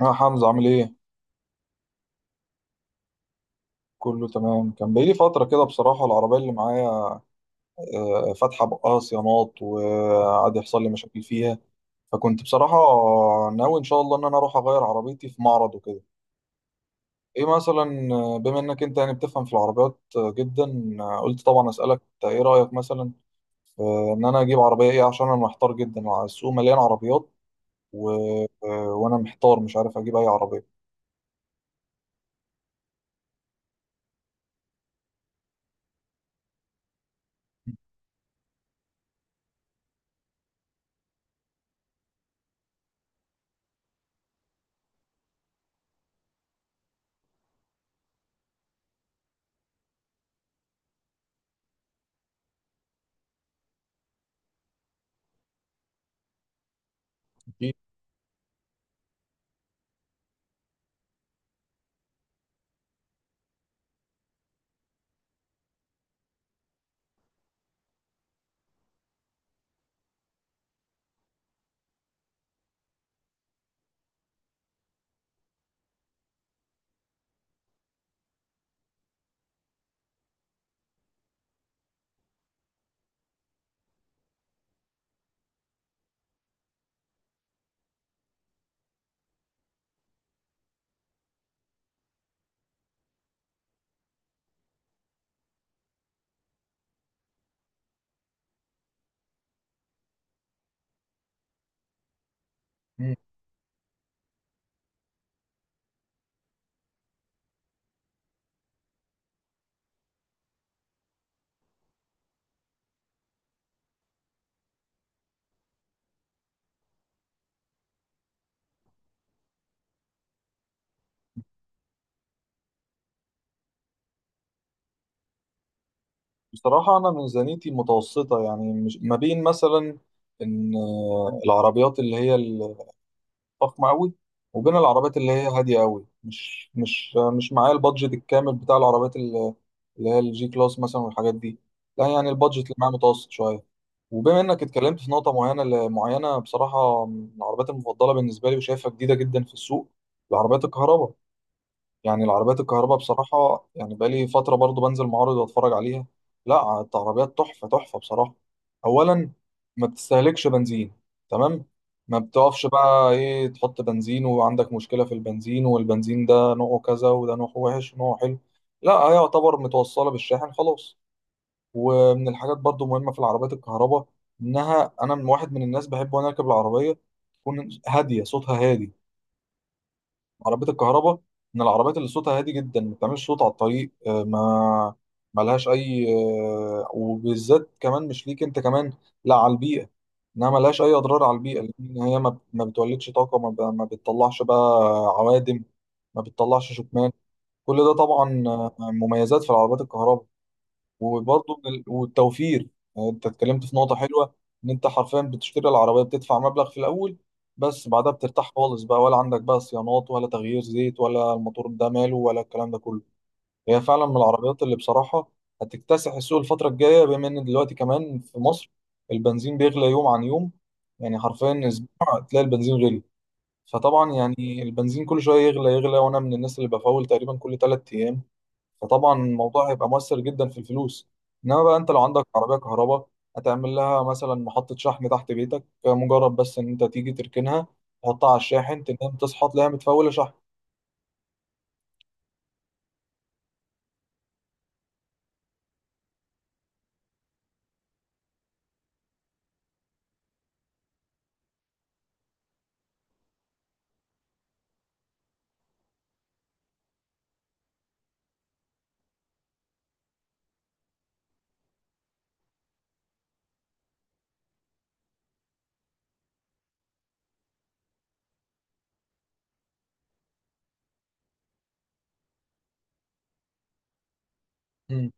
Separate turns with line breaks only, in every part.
يا حمزة عامل ايه؟ كله تمام. كان بقالي فترة كده بصراحة العربية اللي معايا فاتحة بقها صيانات وقعد يحصل لي مشاكل فيها. فكنت بصراحة ناوي ان شاء الله ان انا اروح اغير عربيتي في معرض وكده. ايه مثلا، بما انك انت يعني بتفهم في العربيات جدا، قلت طبعا اسألك إنت ايه رأيك مثلا ان انا اجيب عربية ايه، عشان انا محتار جدا. السوق مليان عربيات و... آه، وانا محتار مش عارف اجيب اي عربية. بصراحة أنا ميزانيتي متوسطة، يعني مش ما بين مثلا إن العربيات اللي هي الفخمة أوي وبين العربيات اللي هي هادية أوي. مش معايا البادجت الكامل بتاع العربيات اللي هي الجي كلاس مثلا والحاجات دي. لا يعني البادجت اللي معايا متوسط شوية. وبما إنك اتكلمت في نقطة معينة بصراحة، من العربيات المفضلة بالنسبة لي وشايفها جديدة جدا في السوق، العربيات الكهرباء. يعني العربيات الكهرباء بصراحة، يعني بقالي فترة برضو بنزل معارض واتفرج عليها. لا، العربيات تحفة تحفة بصراحة. أولا، ما بتستهلكش بنزين. تمام. ما بتقفش بقى ايه تحط بنزين وعندك مشكلة في البنزين، والبنزين ده نوعه كذا وده نوعه وحش ونوعه حلو. لا، هي يعتبر متوصلة بالشاحن خلاص. ومن الحاجات برضو مهمة في العربيات الكهرباء، إنها أنا من واحد من الناس بحب وأنا راكب العربية تكون هادية، صوتها هادي. عربية الكهرباء من العربيات اللي صوتها هادي جدا، ما بتعملش صوت على الطريق. ما ملهاش أي وبالذات كمان مش ليك أنت كمان، لا على البيئة. إنها ملهاش أي أضرار على البيئة، لأن هي ما بتولدش طاقة، ما بتطلعش بقى عوادم، ما بتطلعش شكمان. كل ده طبعا مميزات في العربيات الكهرباء. وبرضه من والتوفير. يعني انت اتكلمت في نقطة حلوة، ان انت حرفيا بتشتري العربية بتدفع مبلغ في الاول، بس بعدها بترتاح خالص بقى. ولا عندك بقى صيانات، ولا تغيير زيت، ولا الموتور ده ماله، ولا الكلام ده كله. هي فعلا من العربيات اللي بصراحة هتكتسح السوق الفترة الجاية، بما ان دلوقتي كمان في مصر البنزين بيغلى يوم عن يوم. يعني حرفيا اسبوع تلاقي البنزين غلي. فطبعا يعني البنزين كل شويه يغلى يغلى، وانا من الناس اللي بفول تقريبا كل ثلاث ايام. فطبعا الموضوع هيبقى مؤثر جدا في الفلوس. انما بقى انت لو عندك عربيه كهرباء، هتعمل لها مثلا محطه شحن تحت بيتك. مجرد بس ان انت تيجي تركنها، تحطها على الشاحن، تنام تصحى تلاقيها متفوله شحن. مم.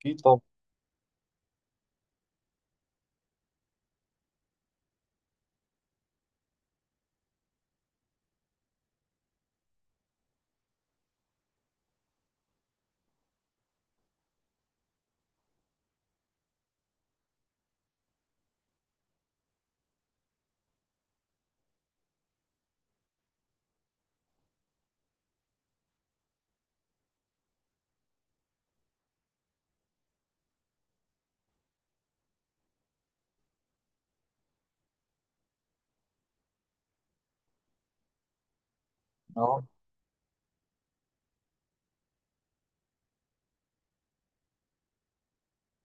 اكيد طبعا. اه،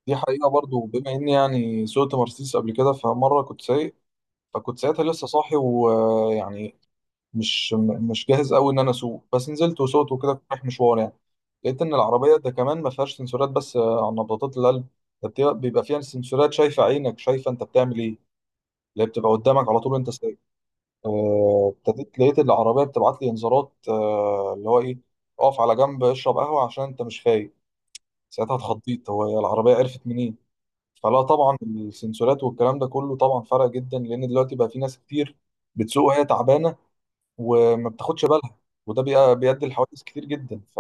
دي حقيقه. برضو بما اني يعني سوقت مرسيدس قبل كده، فمره كنت سايق، فكنت ساعتها لسه صاحي ويعني مش جاهز قوي ان انا اسوق، بس نزلت وسوقت وكده. كنت رايح مشوار يعني. لقيت ان العربيه ده كمان ما فيهاش سنسورات بس على نبضات القلب. ده بيبقى فيها سنسورات شايفه عينك، شايفه انت بتعمل ايه، اللي هي بتبقى قدامك على طول وانت سايق. ابتديت لقيت العربيه بتبعت لي انذارات، اللي هو ايه، اقف على جنب اشرب قهوه عشان انت مش فايق. ساعتها اتخضيت، هو هي العربيه عرفت منين؟ فلا طبعا السنسورات والكلام ده كله طبعا فرق جدا، لان دلوقتي بقى في ناس كتير بتسوق وهي تعبانه وما بتاخدش بالها، وده بيؤدي لحوادث كتير جدا. ف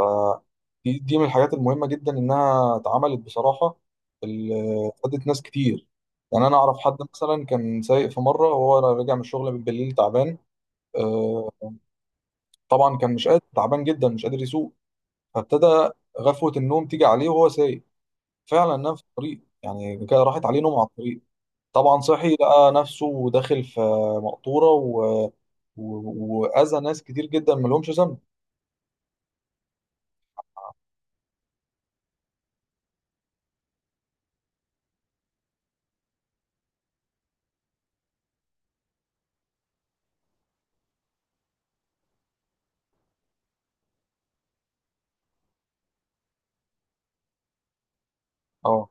دي من الحاجات المهمة جدا إنها اتعملت بصراحة، اللي فادت ناس كتير. يعني أنا أعرف حد مثلا كان سايق في مرة وهو راجع من الشغل بالليل تعبان، آه، طبعا كان مش قادر، تعبان جدا مش قادر يسوق. فابتدى غفوة النوم تيجي عليه وهو سايق، فعلا نام في الطريق. يعني كده راحت عليه نوم على الطريق. طبعا صحي لقى نفسه داخل في مقطورة وأذى ناس كتير جدا ملهمش ذنب. اه.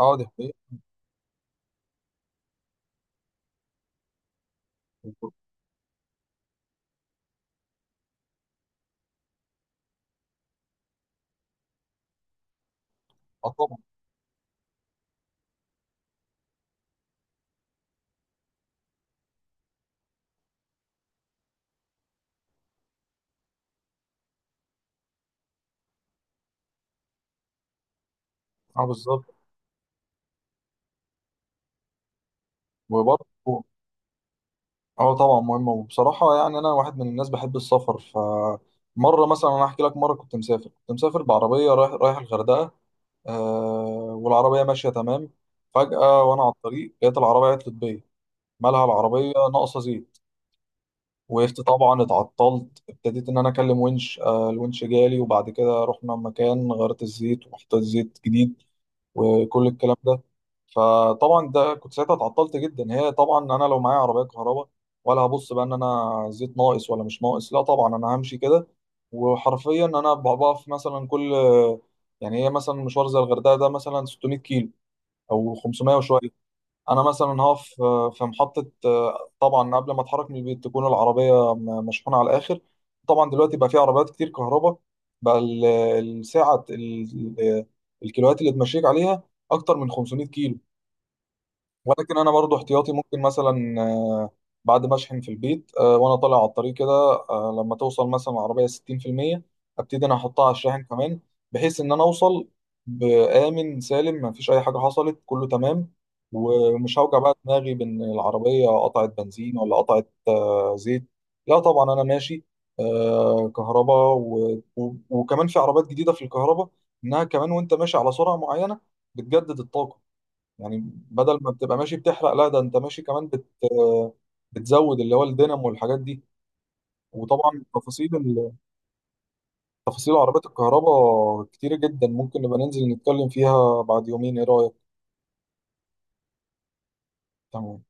اه، دي حقيقة. اه طبعا. اه بالظبط. وبرضه اه طبعا مهمة. وبصراحة يعني أنا واحد من الناس بحب السفر. فمرة مثلا، أنا أحكي لك، مرة كنت مسافر، كنت مسافر بعربية رايح، رايح الغردقة. آه، والعربية ماشية تمام. فجأة وأنا على الطريق لقيت العربية عطلت بيا. مالها العربية؟ ناقصة زيت. وقفت طبعا، اتعطلت، ابتديت إن أنا أكلم ونش. آه، الونش جالي، وبعد كده رحنا مكان غيرت الزيت وحطيت زيت جديد وكل الكلام ده. فطبعا ده كنت ساعتها اتعطلت جدا. هي طبعا انا لو معايا عربيه كهرباء، ولا هبص بقى ان انا زيت ناقص ولا مش ناقص. لا طبعا انا همشي كده. وحرفيا انا بقف مثلا كل، يعني هي مثلا مشوار زي الغردقه ده مثلا 600 كيلو او 500 وشويه، انا مثلا هقف في محطه. طبعا قبل ما اتحرك من البيت تكون العربيه مشحونه على الاخر. طبعا دلوقتي بقى في عربيات كتير كهرباء بقى الساعه ال- ال- الكيلوات اللي تمشيك عليها اكتر من 500 كيلو. ولكن انا برضو احتياطي، ممكن مثلا بعد ما اشحن في البيت وانا طالع على الطريق كده، لما توصل مثلا العربيه 60% ابتدي انا احطها على الشاحن كمان، بحيث ان انا اوصل بامن سالم، ما فيش اي حاجه حصلت كله تمام. ومش هوجع بقى دماغي بان العربيه قطعت بنزين ولا قطعت زيت. لا طبعا انا ماشي كهرباء. وكمان في عربات جديده في الكهرباء، انها كمان وانت ماشي على سرعه معينه بتجدد الطاقه. يعني بدل ما بتبقى ماشي بتحرق، لا ده انت ماشي كمان بتزود اللي هو الدينامو والحاجات دي. وطبعا تفاصيل تفاصيل عربيات الكهرباء كتير جدا، ممكن نبقى ننزل نتكلم فيها بعد يومين، ايه رأيك؟ تمام.